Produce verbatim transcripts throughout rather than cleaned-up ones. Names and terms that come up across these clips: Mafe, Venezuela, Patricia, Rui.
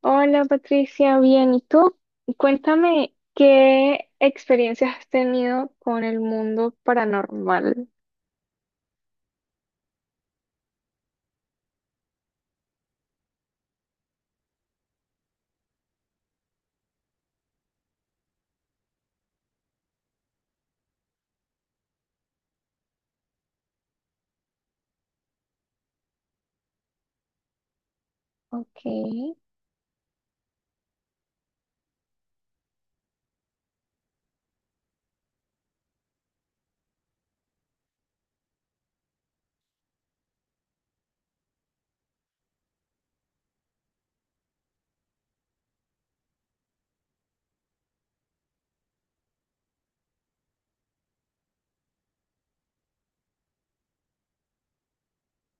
Hola Patricia, bien, ¿y tú? Cuéntame qué experiencias has tenido con el mundo paranormal. Ok,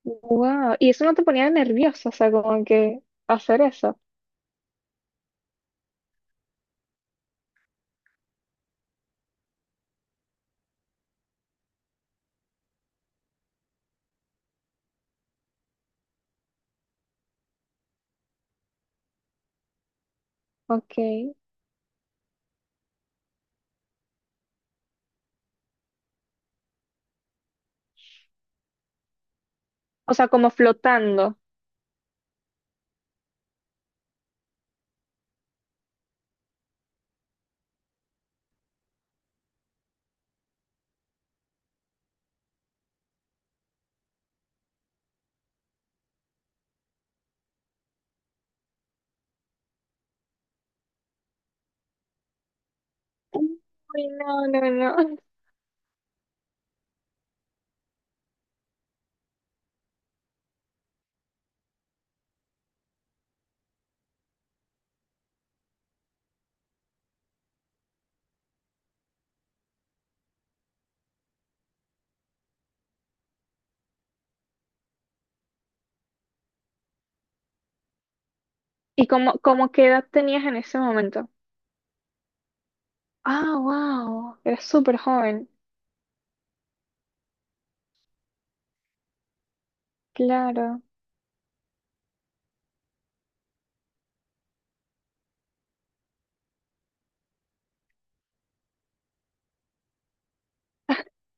wow. ¿Y eso no te ponía nerviosa? O sea, como que hacer eso. Ok. O sea, como flotando. Uy, no, no, no. ¿Y cómo, cómo qué edad tenías en ese momento? Ah, wow. Eras súper joven. Claro.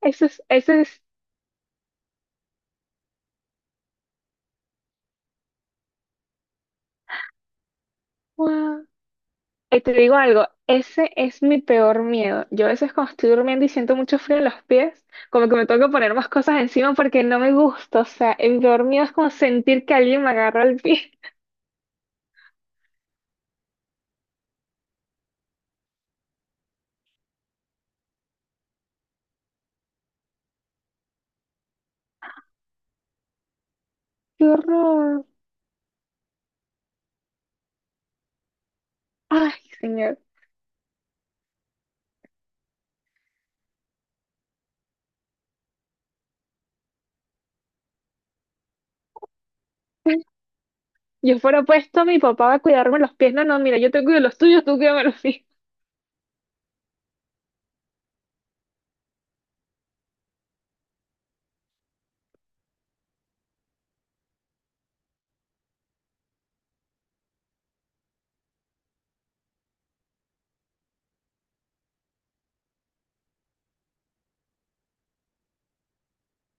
Eso es, eso es. Wow. Y te digo algo, ese es mi peor miedo. Yo a veces cuando estoy durmiendo y siento mucho frío en los pies, como que me tengo que poner más cosas encima porque no me gusta. O sea, el peor miedo es como sentir que alguien me agarra el pie. ¡Qué horror! Ay, señor. Yo fuera puesto, mi papá va a cuidarme los pies. No, no, mira, yo te cuido los tuyos, tú cuídame los míos.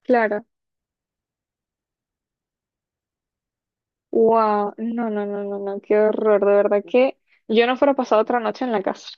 Claro. Wow. No, no, no, no, no. Qué horror. De verdad que yo no fuera pasado otra noche en la casa.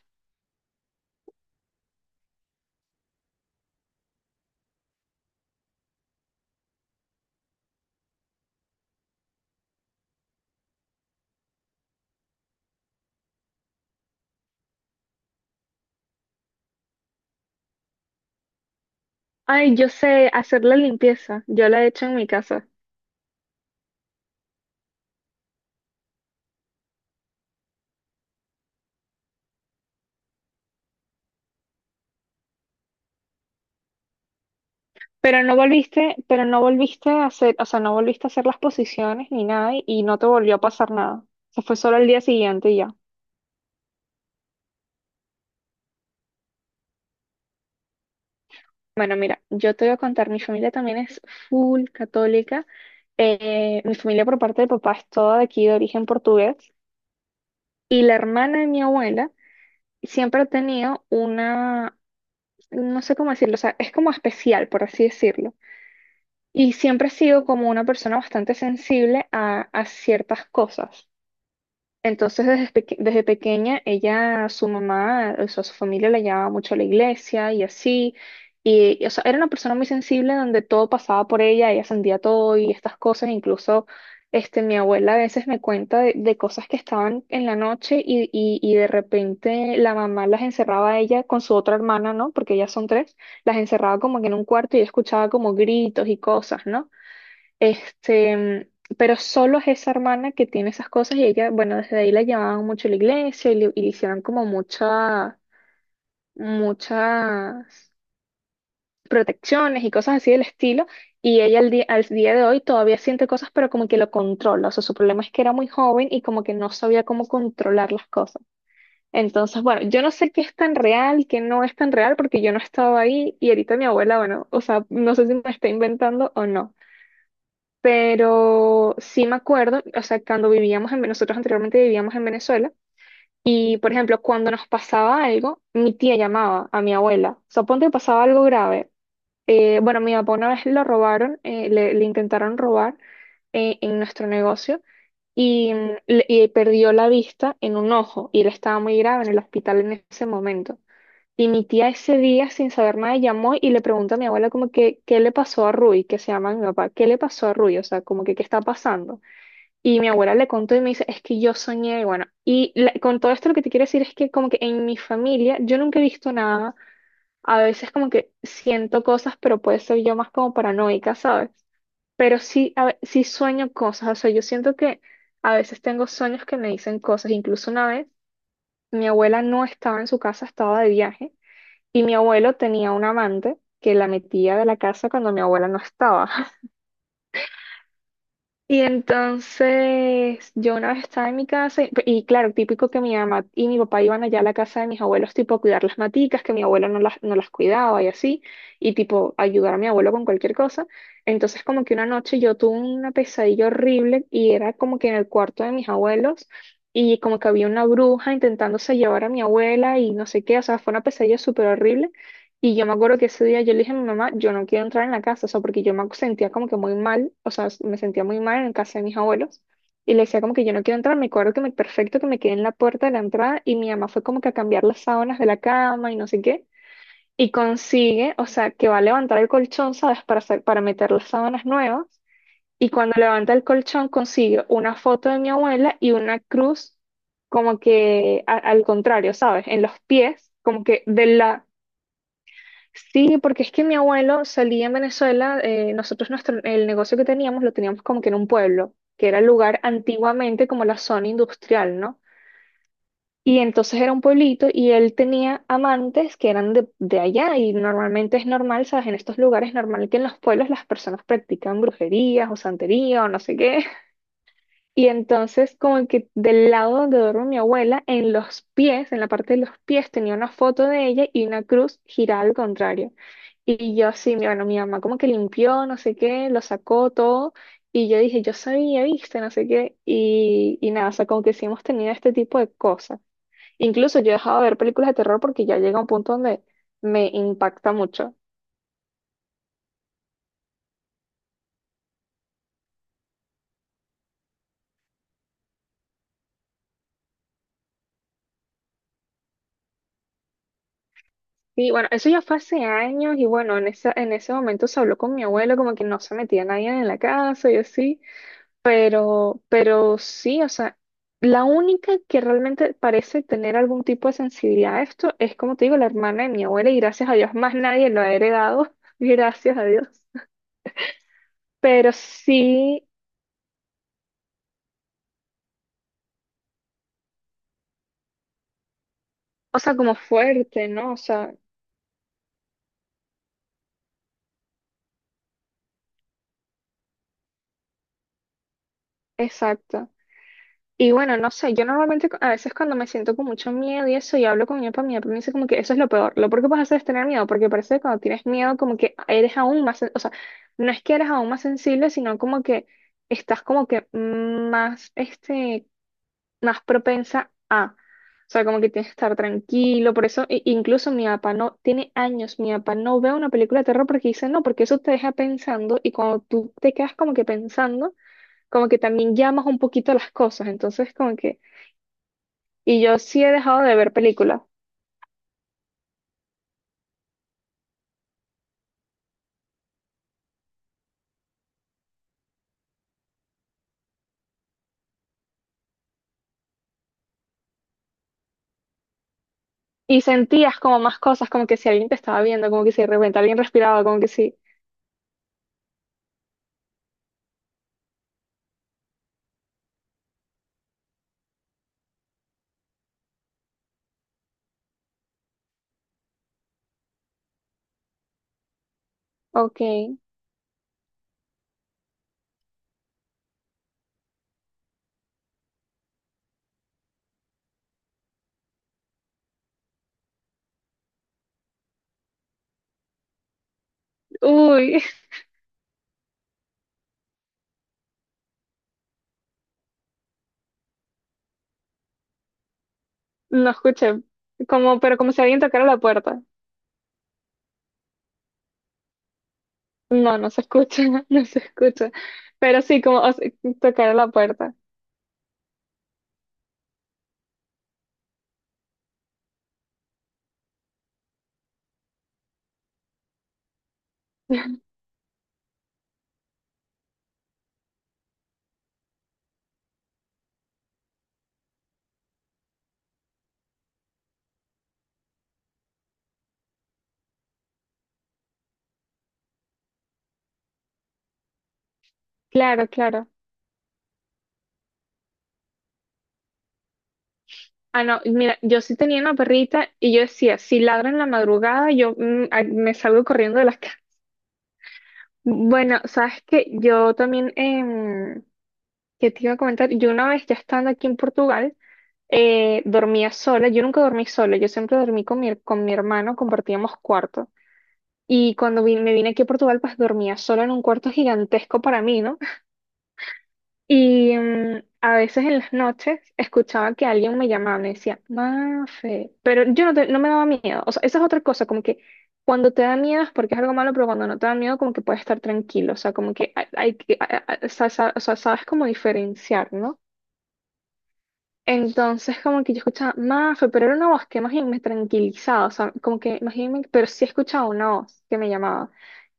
Ay, yo sé hacer la limpieza. Yo la he hecho en mi casa. Pero no volviste, pero no volviste a hacer, o sea, no volviste a hacer las posiciones ni nada y, y no te volvió a pasar nada. O sea, fue solo el día siguiente y ya. Bueno, mira, yo te voy a contar, mi familia también es full católica. Eh, mi familia por parte de papá es toda de aquí de origen portugués y la hermana de mi abuela siempre ha tenido una, no sé cómo decirlo, o sea, es como especial, por así decirlo. Y siempre ha sido como una persona bastante sensible a, a ciertas cosas. Entonces, desde, peque- desde pequeña, ella, su mamá, o sea, su familia la llevaba mucho a la iglesia y así. Y, y, o sea, era una persona muy sensible donde todo pasaba por ella, ella sentía todo y estas cosas. Incluso, este, mi abuela a veces me cuenta de, de cosas que estaban en la noche y, y, y de repente la mamá las encerraba a ella con su otra hermana, ¿no? Porque ellas son tres, las encerraba como que en un cuarto y ella escuchaba como gritos y cosas, ¿no? Este, pero solo es esa hermana que tiene esas cosas y ella, bueno, desde ahí la llevaban mucho a la iglesia y le, y le hicieron como mucha, muchas protecciones y cosas así del estilo. Y ella al día, al día de hoy todavía siente cosas, pero como que lo controla. O sea, su problema es que era muy joven y como que no sabía cómo controlar las cosas. Entonces, bueno, yo no sé qué es tan real, qué no es tan real, porque yo no estaba ahí y ahorita mi abuela, bueno, o sea, no sé si me está inventando o no. Pero sí me acuerdo, o sea, cuando vivíamos en, nosotros anteriormente vivíamos en Venezuela, y por ejemplo, cuando nos pasaba algo, mi tía llamaba a mi abuela. O sea, ponte que pasaba algo grave. Eh, bueno, mi papá una vez lo robaron, eh, le, le intentaron robar eh, en nuestro negocio y, mm, le- y perdió la vista en un ojo y él estaba muy grave en el hospital en ese momento. Y mi tía ese día, sin saber nada, llamó y le preguntó a mi abuela como que, ¿qué le pasó a Rui? Que se llama mi papá, ¿qué le pasó a Rui? O sea, como que, ¿qué está pasando? Y mi abuela le contó y me dice, es que yo soñé, y bueno, y la- con todo esto lo que te quiero decir es que como que en mi familia yo nunca he visto nada, a veces como que siento cosas, pero puede ser yo más como paranoica, ¿sabes? Pero sí, a ve- sí sueño cosas, o sea, yo siento que a veces tengo sueños que me dicen cosas, incluso una vez mi abuela no estaba en su casa, estaba de viaje. Y mi abuelo tenía un amante que la metía de la casa cuando mi abuela no estaba. Y entonces yo una vez estaba en mi casa y, y claro, típico que mi mamá y mi papá iban allá a la casa de mis abuelos tipo a cuidar las maticas, que mi abuelo no las, no las cuidaba y así, y tipo ayudar a mi abuelo con cualquier cosa. Entonces como que una noche yo tuve una pesadilla horrible y era como que en el cuarto de mis abuelos y como que había una bruja intentándose llevar a mi abuela y no sé qué, o sea, fue una pesadilla súper horrible. Y yo me acuerdo que ese día yo le dije a mi mamá, yo no quiero entrar en la casa, o sea, porque yo me sentía como que muy mal, o sea, me sentía muy mal en casa de mis abuelos. Y le decía como que yo no quiero entrar, me acuerdo que me perfecto que me quedé en la puerta de la entrada y mi mamá fue como que a cambiar las sábanas de la cama y no sé qué. Y consigue, o sea, que va a levantar el colchón, ¿sabes? Para hacer, para meter las sábanas nuevas. Y cuando levanta el colchón consigue una foto de mi abuela y una cruz como que a- al contrario, ¿sabes? En los pies, como que de la. Sí, porque es que mi abuelo salía en Venezuela, eh, nosotros nuestro, el negocio que teníamos lo teníamos como que en un pueblo, que era el lugar antiguamente como la zona industrial, ¿no? Y entonces era un pueblito y él tenía amantes que eran de, de allá y normalmente es normal, ¿sabes? En estos lugares es normal que en los pueblos las personas practican brujerías o santería o no sé qué. Y entonces como que del lado donde duerme mi abuela, en los pies, en la parte de los pies tenía una foto de ella y una cruz girada al contrario. Y yo sí, mi- bueno, mi mamá como que limpió, no sé qué, lo sacó todo. Y yo dije, yo sabía, viste, no sé qué. Y, y nada, o sea, como que sí hemos tenido este tipo de cosas. Incluso yo he dejado de ver películas de terror porque ya llega un punto donde me impacta mucho. Y bueno, eso ya fue hace años y bueno, en esa, en ese momento se habló con mi abuelo como que no se metía nadie en la casa y así. Pero, pero sí, o sea, la única que realmente parece tener algún tipo de sensibilidad a esto es, como te digo, la hermana de mi abuela y gracias a Dios más nadie lo ha heredado, gracias a Dios. Pero sí, o sea, como fuerte, ¿no? O sea, exacto. Y bueno, no sé, yo normalmente cu- a veces cuando me siento con mucho miedo y eso y hablo con mi papá, mi papá me dice como que eso es lo peor, lo peor que puedes hacer es tener miedo, porque parece que cuando tienes miedo como que eres aún más, sen- o sea, no es que eres aún más sensible, sino como que estás como que más, este, más propensa a, o sea, como que tienes que estar tranquilo, por eso, e- incluso mi papá no, tiene años, mi papá no ve una película de terror porque dice no, porque eso te deja pensando y cuando tú te quedas como que pensando, como que también llamas un poquito a las cosas, entonces como que... Y yo sí he dejado de ver películas. Y sentías como más cosas, como que si alguien te estaba viendo, como que si de repente alguien respiraba, como que sí. Ok. Uy, no escuché. Como, pero como si alguien tocara la puerta. No, no se escucha, no se escucha. Pero sí, como o sea, tocara la puerta. Claro, claro. Ah, no, mira, yo sí tenía una perrita y yo decía, si ladra en la madrugada, yo mm, ay, me salgo corriendo de la casa. Bueno, sabes que yo también, em, ¿qué te iba a comentar? Yo una vez ya estando aquí en Portugal, eh, dormía sola. Yo nunca dormí sola, yo siempre dormí con mi, con mi hermano, compartíamos cuarto. Y cuando vi- me vine aquí a Portugal, pues dormía sola en un cuarto gigantesco para mí, ¿no? Y mm, a veces en las noches escuchaba que alguien me llamaba, me decía, Mafe, pero yo no, te- no me daba miedo. O sea, esa es otra cosa, como que cuando te da miedo es porque es algo malo, pero cuando no te da miedo, como que puedes estar tranquilo. O sea, como que hay, hay que, a- a- a- sa- sa- o sea, sabes cómo diferenciar, ¿no? Entonces, como que yo escuchaba Mafe, pero era una voz que más bien me tranquilizaba, o sea, como que más bien me- pero sí escuchaba una voz que me llamaba.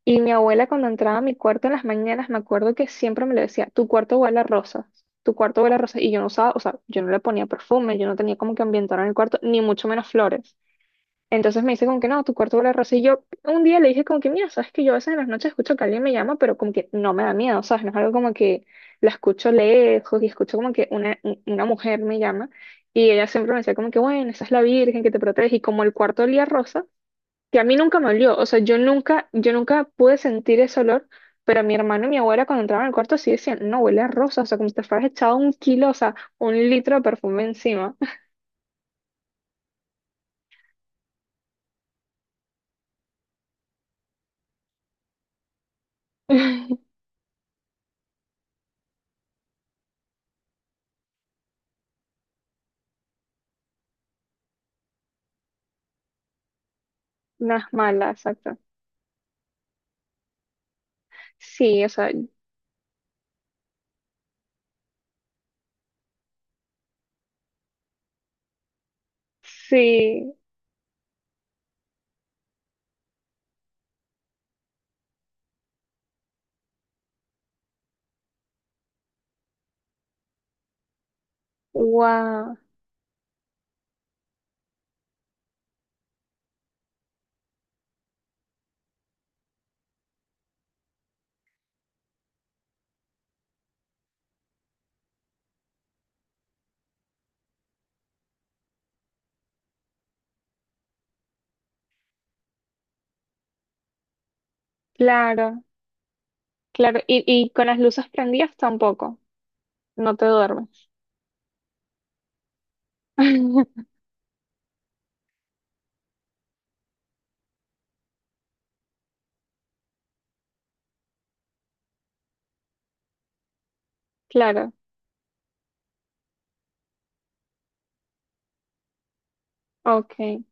Y mi abuela cuando entraba a mi cuarto en las mañanas, me acuerdo que siempre me lo decía, tu cuarto huele a rosas, tu cuarto huele a rosas, y yo no usaba, o sea, yo no le ponía perfume, yo no tenía como que ambientar en el cuarto, ni mucho menos flores. Entonces me dice como que no, tu cuarto huele a rosa. Y yo un día le dije como que, mira, sabes que yo a veces en las noches escucho que alguien me llama, pero como que no me da miedo, ¿sabes? No es algo como que la escucho lejos y escucho como que una, un- una mujer me llama. Y ella siempre me decía como que, bueno, esa es la Virgen que te protege. Y como el cuarto olía a rosa, que a mí nunca me olió. O sea, yo nunca, yo nunca pude sentir ese olor, pero mi hermano y mi abuela cuando entraban al cuarto sí decían, no, huele a rosa. O sea, como si te fueras echado un kilo, o sea, un litro de perfume encima. No malas, exacto. Sí, o sea, sí, wow, claro, claro. Y, y con las luces prendidas tampoco, no te duermes. Claro, ok,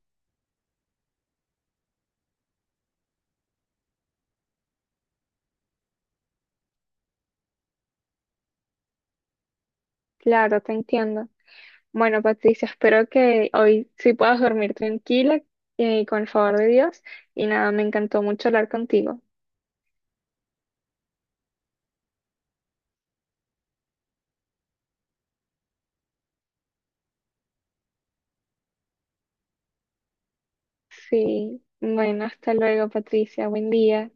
claro, te entiendo. Bueno, Patricia, espero que hoy sí puedas dormir tranquila, eh, con el favor de Dios. Y nada, me encantó mucho hablar contigo. Sí, bueno, hasta luego, Patricia, buen día.